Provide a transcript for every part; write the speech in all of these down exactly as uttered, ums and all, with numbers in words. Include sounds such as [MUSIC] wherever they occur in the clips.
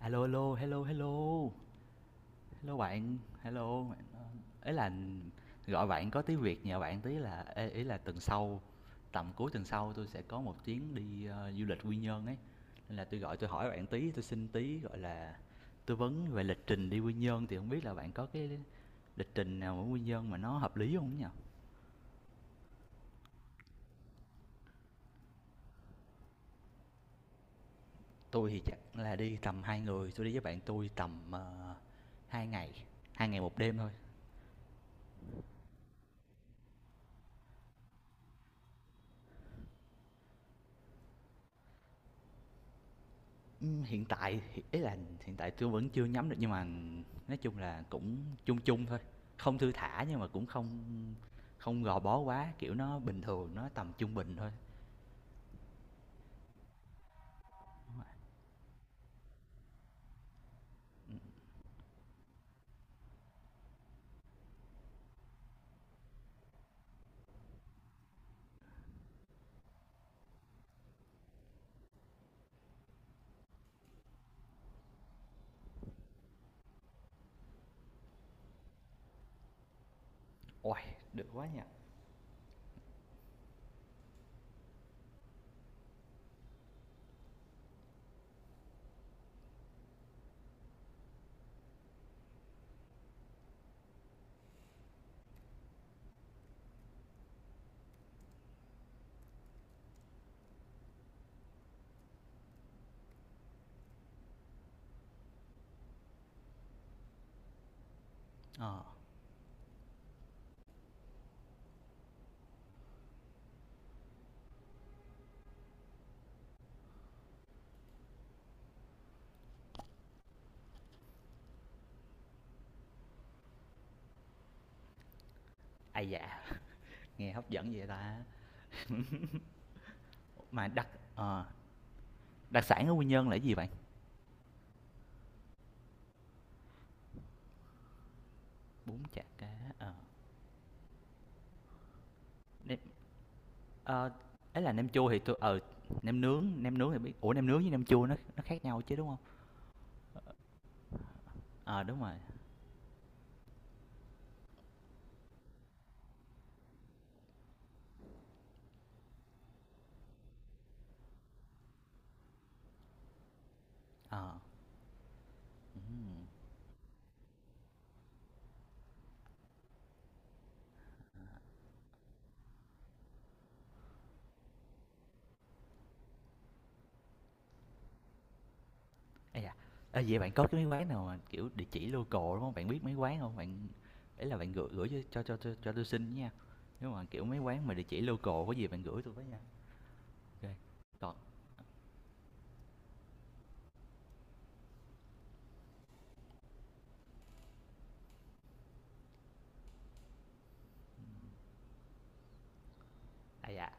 A lô, hello, hello, hello bạn, hello. Ấy là gọi bạn có tí việc nhờ bạn tí là ê, ý là tuần sau, tầm cuối tuần sau tôi sẽ có một chuyến đi ờ, du lịch Quy Nhơn ấy. Nên là tôi gọi tôi hỏi bạn tí, tôi xin tí gọi là tư vấn về lịch trình đi Quy Nhơn thì không biết là bạn có cái lịch trình nào ở Quy Nhơn mà nó hợp lý không nhỉ? Tôi thì chắc là đi tầm hai người, tôi đi với bạn tôi tầm ờ, hai ngày, hai ngày một đêm thôi. Hiện tại ý là hiện tại tôi vẫn chưa nhắm được nhưng mà nói chung là cũng chung chung thôi, không thư thả nhưng mà cũng không không gò bó quá, kiểu, nó bình thường, nó tầm trung bình thôi. Uầy, được quá nhỉ! Ờ, ai dạ nghe hấp dẫn vậy ta? Mà đặc ờ, đặc sản ở Quy Nhơn là cái gì bạn? Bún chả cá, ờ, nem ờ, ý là nem chua thì tôi ừ, nem nướng nem nướng thì biết, ủa nem nướng với nem chua nó nó khác nhau chứ, đúng không? Ờ, đúng rồi, ờ, ừm. À da, ơ, vậy bạn có cái mấy quán nào mà, kiểu, địa chỉ local, đúng không? Bạn biết mấy quán không bạn? Ấy là bạn gửi gửi cho cho cho cho tui xin nha, nếu mà, kiểu, mấy quán mà địa chỉ local có gì bạn gửi tôi với nha. Ô. Còn à da,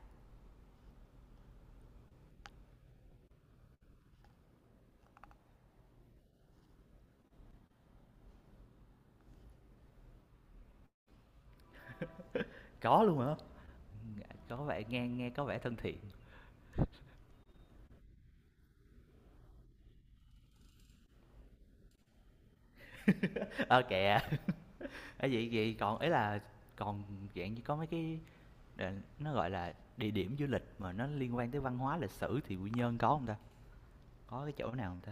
có luôn hả? Có vẻ nghe nghe có vẻ thân thiện. [LAUGHS] Ờ, kìa, ơ, vậy vậy còn ấy là còn dạng như có mấy cái đền nó, gọi là, địa điểm du lịch mà nó liên quan tới văn hóa, lịch sử thì Quy Nhơn có không ta? Có cái chỗ nào không ta?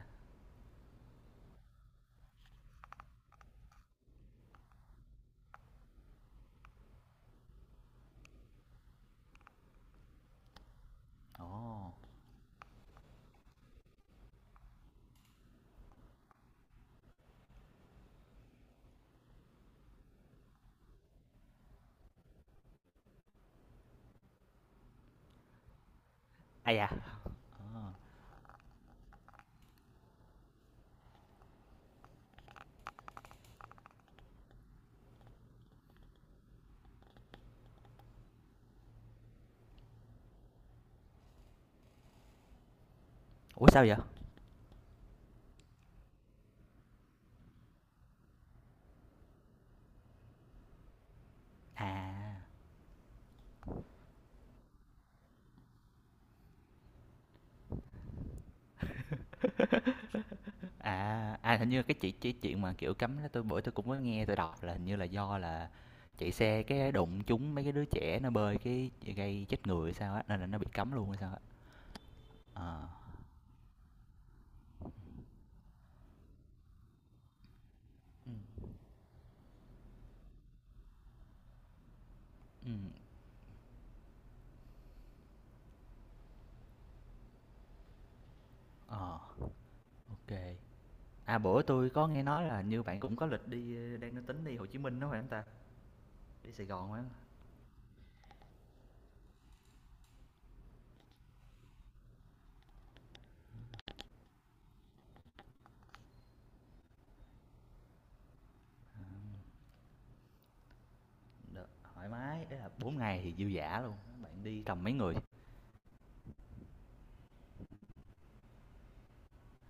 Ồ, à da, ờ, ủa, sao vậy? À. À, à, hình như cái chị cái chuyện mà, kiểu, cấm đó tôi bữa tôi cũng có nghe tôi đọc là hình như là do là chạy xe cái đụng trúng mấy cái đứa trẻ nó bơi cái gây chết người hay sao á, nên là nó bị cấm luôn hay sao á. Ờ. Ừ. Ừm, ờ, ok. À, bữa tôi có nghe nói là hình như bạn cũng có lịch đi, đang tính đi Hồ Chí Minh đó phải không ta? Đi Sài Gòn phải không? Được, thoải mái, đấy là bốn ngày thì dư dả luôn, bạn đi tầm mấy người?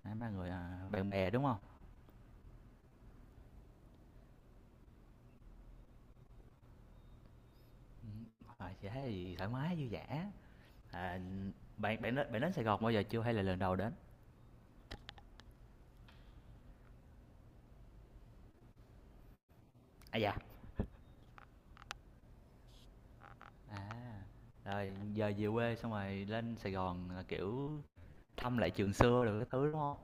Hai ba người, à, bạn bè, đúng không? Ừm, ờ, thế thì thoải mái dư dả. À, bạn bạn đến bạn đến Sài Gòn bao giờ chưa hay là lần đầu đến? À dạ. À, rồi giờ về quê xong rồi lên Sài Gòn là, kiểu, thăm lại trường xưa đồ cái thứ, đúng không?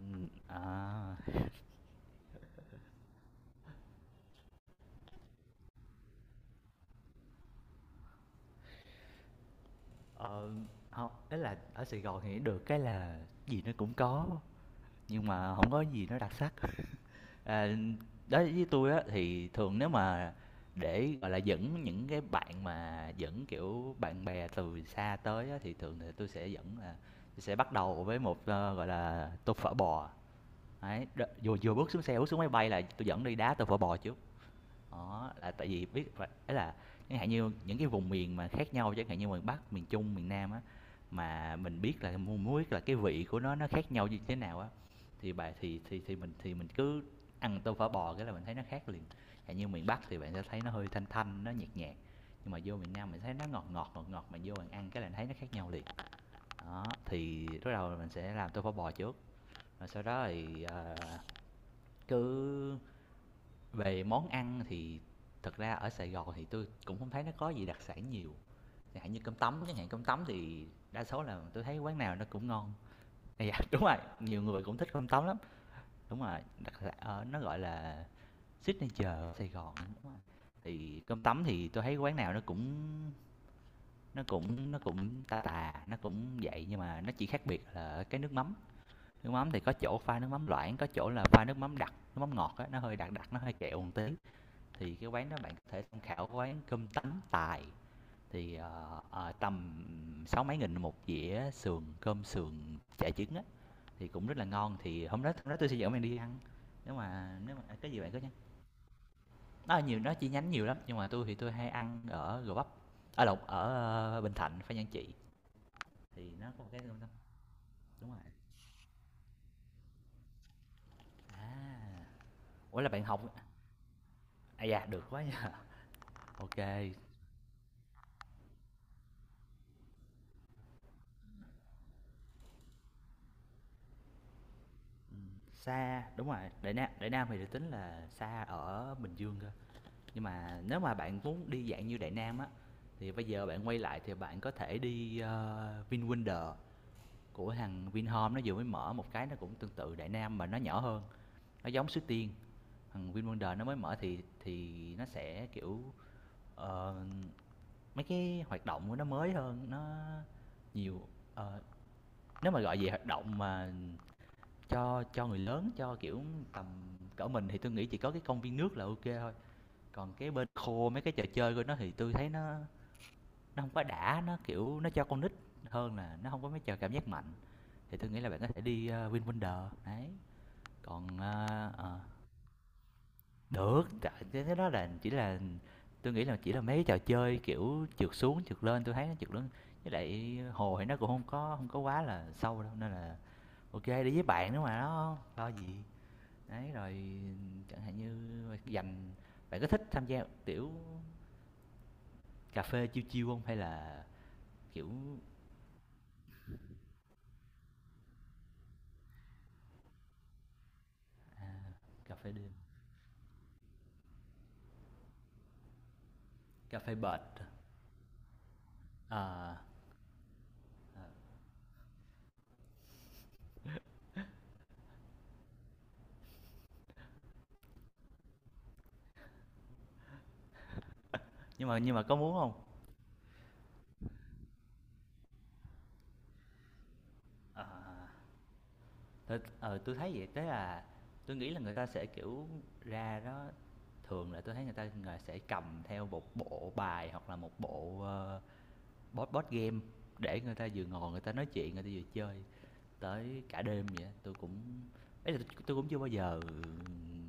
Ừm, à, ờ, hông, ý là ở Sài Gòn thì được cái là gì nó cũng có, nhưng mà không có gì nó đặc sắc. À, đối với tôi á thì thường nếu mà để, gọi là, dẫn những cái bạn mà dẫn, kiểu, bạn bè từ xa tới á thì thường thì tôi sẽ dẫn là tui sẽ bắt đầu với một, ơ, gọi là, tô phở bò. Ấy, đ vừa vừa bước xuống xe, bước xuống máy bay là tôi dẫn đi đá tô phở bò trước. Đó, là tại vì biết phải ấy là chẳng hạn như những cái vùng miền mà khác nhau, chẳng hạn như miền Bắc, miền Trung, miền Nam á, mà mình biết là mu muốn biết là cái vị của nó nó khác nhau như thế nào á, thì bà thì thì thì mình thì mình cứ ăn tô phở bò cái là mình thấy nó khác liền. Chẳng như miền Bắc thì bạn sẽ thấy nó hơi thanh thanh, nó nhạt nhạt, nhưng mà vô miền Nam mình thấy nó ngọt ngọt, ngọt ngọt, mà vô bạn ăn cái là thấy nó khác nhau liền. Đó, thì lúc đầu là mình sẽ làm tô phở bò trước, rồi sau đó thì, ờ, cứ về món ăn thì thật ra ở Sài Gòn thì tôi cũng không thấy nó có gì đặc sản nhiều, chẳng hạn như cơm tấm chẳng hạn, cơm tấm thì đa số là tôi thấy quán nào nó cũng ngon. À, dạ, đúng rồi, nhiều người cũng thích cơm tấm lắm, đúng rồi, đặc sản ờ, nó, gọi là, signature ở Sài Gòn, đúng rồi. Thì cơm tấm thì tôi thấy quán nào nó cũng nó cũng nó cũng tà tà, nó cũng vậy, nhưng mà nó chỉ khác biệt là ở cái nước mắm. Nước mắm thì có chỗ pha nước mắm loãng, có chỗ là pha nước mắm đặc, nước mắm ngọt á, nó hơi đặc đặc, nó hơi kẹo một tí thì cái quán đó bạn có thể tham khảo quán cơm tấm tài thì ờ, ờ, tầm sáu mấy nghìn một dĩa sườn cơm sườn chả trứng á thì cũng rất là ngon thì hôm đó hôm đó tôi sẽ dẫn bạn đi ăn nếu mà nếu mà à, cái gì bạn cứ nhắn. Nó nhiều nó chi nhánh nhiều lắm nhưng mà tôi thì tôi hay ăn ở Gò Vấp, ở Lộc, ở ờ, Bình Thạnh, Phan Giang trị, thì nó có một cái cơm tấm đúng rồi. À ủa là bạn học, à dạ được quá nha, ok. Xa đúng rồi, Đại Nam, Đại Nam thì được tính là xa, ở Bình Dương cơ, nhưng mà nếu mà bạn muốn đi dạng như Đại Nam á thì bây giờ bạn quay lại thì bạn có thể đi ờ, VinWonder của thằng Vinhome, nó vừa mới mở một cái, nó cũng tương tự Đại Nam mà nó nhỏ hơn, nó giống Suối Tiên. Thằng VinWonder nó mới mở thì thì nó sẽ kiểu, ờ, mấy cái hoạt động của nó mới hơn nó nhiều. Ờ, nếu mà gọi về hoạt động mà cho cho người lớn cho kiểu tầm cỡ mình thì tôi nghĩ chỉ có cái công viên nước là ok thôi, còn cái bên khô mấy cái trò chơi của nó thì tôi thấy nó Nó không có đã, nó, kiểu, nó cho con nít hơn, là nó không có mấy trò cảm giác mạnh, thì tôi nghĩ là bạn có thể đi, ơ, VinWonders, đấy. Còn, ơ, ờ, được, cái cái đó là chỉ là tôi nghĩ là chỉ là mấy trò chơi, kiểu, trượt xuống, trượt lên, tôi thấy nó trượt lên với lại hồ thì nó cũng không có không có quá là sâu đâu, nên là ok đi với bạn nữa mà, nó. Lo gì. Đấy, rồi chẳng hạn như dành bạn có thích tham gia, kiểu, cà phê chill chill không hay là, kiểu, cà phê đêm, cà phê bệt? Ờ, nhưng mà nhưng mà có muốn không? Ờ, tôi ờ, tui thấy vậy, tức là tôi nghĩ là người ta sẽ, kiểu, ra đó thường là tôi thấy người ta người sẽ cầm theo một bộ bài hoặc là một bộ, ơ, board board game để người ta vừa ngồi người ta nói chuyện, người ta vừa chơi tới cả đêm vậy á. Tui cũng ý là tui cũng chưa bao giờ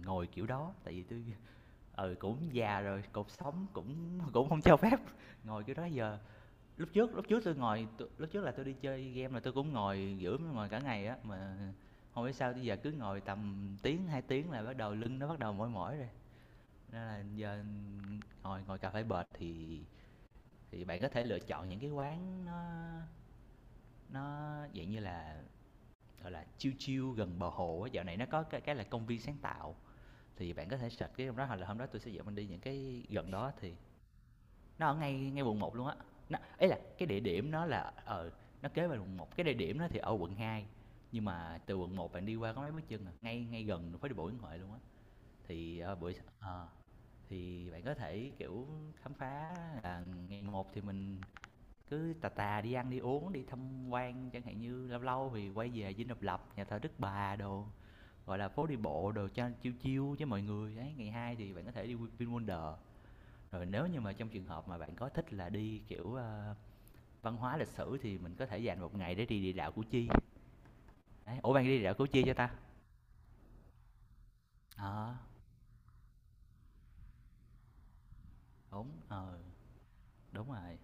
ngồi kiểu đó, tại vì tôi ừ, cũng già rồi, cột sống cũng [LAUGHS] cũng không cho phép [LAUGHS] ngồi kiểu đó giờ. lúc trước lúc trước tôi ngồi t- lúc trước là tôi đi chơi game là tôi cũng ngồi giữa ngồi cả ngày á mà không biết sao bây giờ cứ ngồi tầm tiếng hai tiếng là bắt đầu lưng nó bắt đầu mỏi mỏi rồi, nên là giờ ngồi ngồi cà phê bệt thì thì bạn có thể lựa chọn những cái quán nó nó dạng như là gọi là chill chill gần bờ hồ á, dạo này nó có cái cái là công viên sáng tạo thì bạn có thể search cái hôm đó hoặc là hôm đó tôi sẽ dẫn mình đi những cái gần đó thì. Nó ở ngay ngay quận một luôn á. Ấy là cái địa điểm nó là ờ, nó kế bên quận một, cái địa điểm nó thì ở quận hai nhưng mà từ quận một bạn đi qua có mấy bước chân à, ngay ngay gần đường phố đi bộ Nguyễn Huệ luôn á. Thì, ờ, buổi ờ, thì bạn có thể, kiểu, khám phá là ngày một thì mình cứ tà tà đi ăn đi uống, đi tham quan, chẳng hạn như lâu lâu thì quay về Dinh Độc Lập, nhà thờ Đức Bà đồ, gọi là, phố đi bộ đồ cho chiêu chiêu với mọi người. Ấy ngày hai thì bạn có thể đi Vin, rồi nếu như mà trong trường hợp mà bạn có thích là đi, kiểu, ơ, văn hóa lịch sử thì mình có thể dành một ngày để đi địa đạo Củ Chi. Đấy, ủa, bạn đi địa đạo Củ Chi cho ta? Ờ, đúng, ờ, đúng rồi,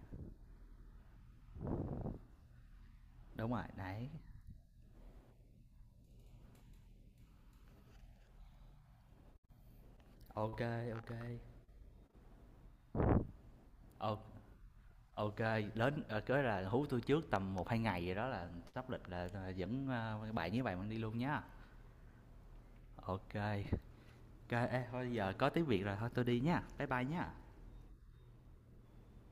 đúng rồi, đấy. Ok, ok, ô kê, đến ờ, cái là hú tôi trước tầm một hai ngày gì đó là sắp lịch là, à, dẫn, a, bạn với bạn mình đi luôn nhá. Ok, ok, ê, thôi giờ có tiếng Việt rồi, thôi tôi đi nhá, bye bye nhá.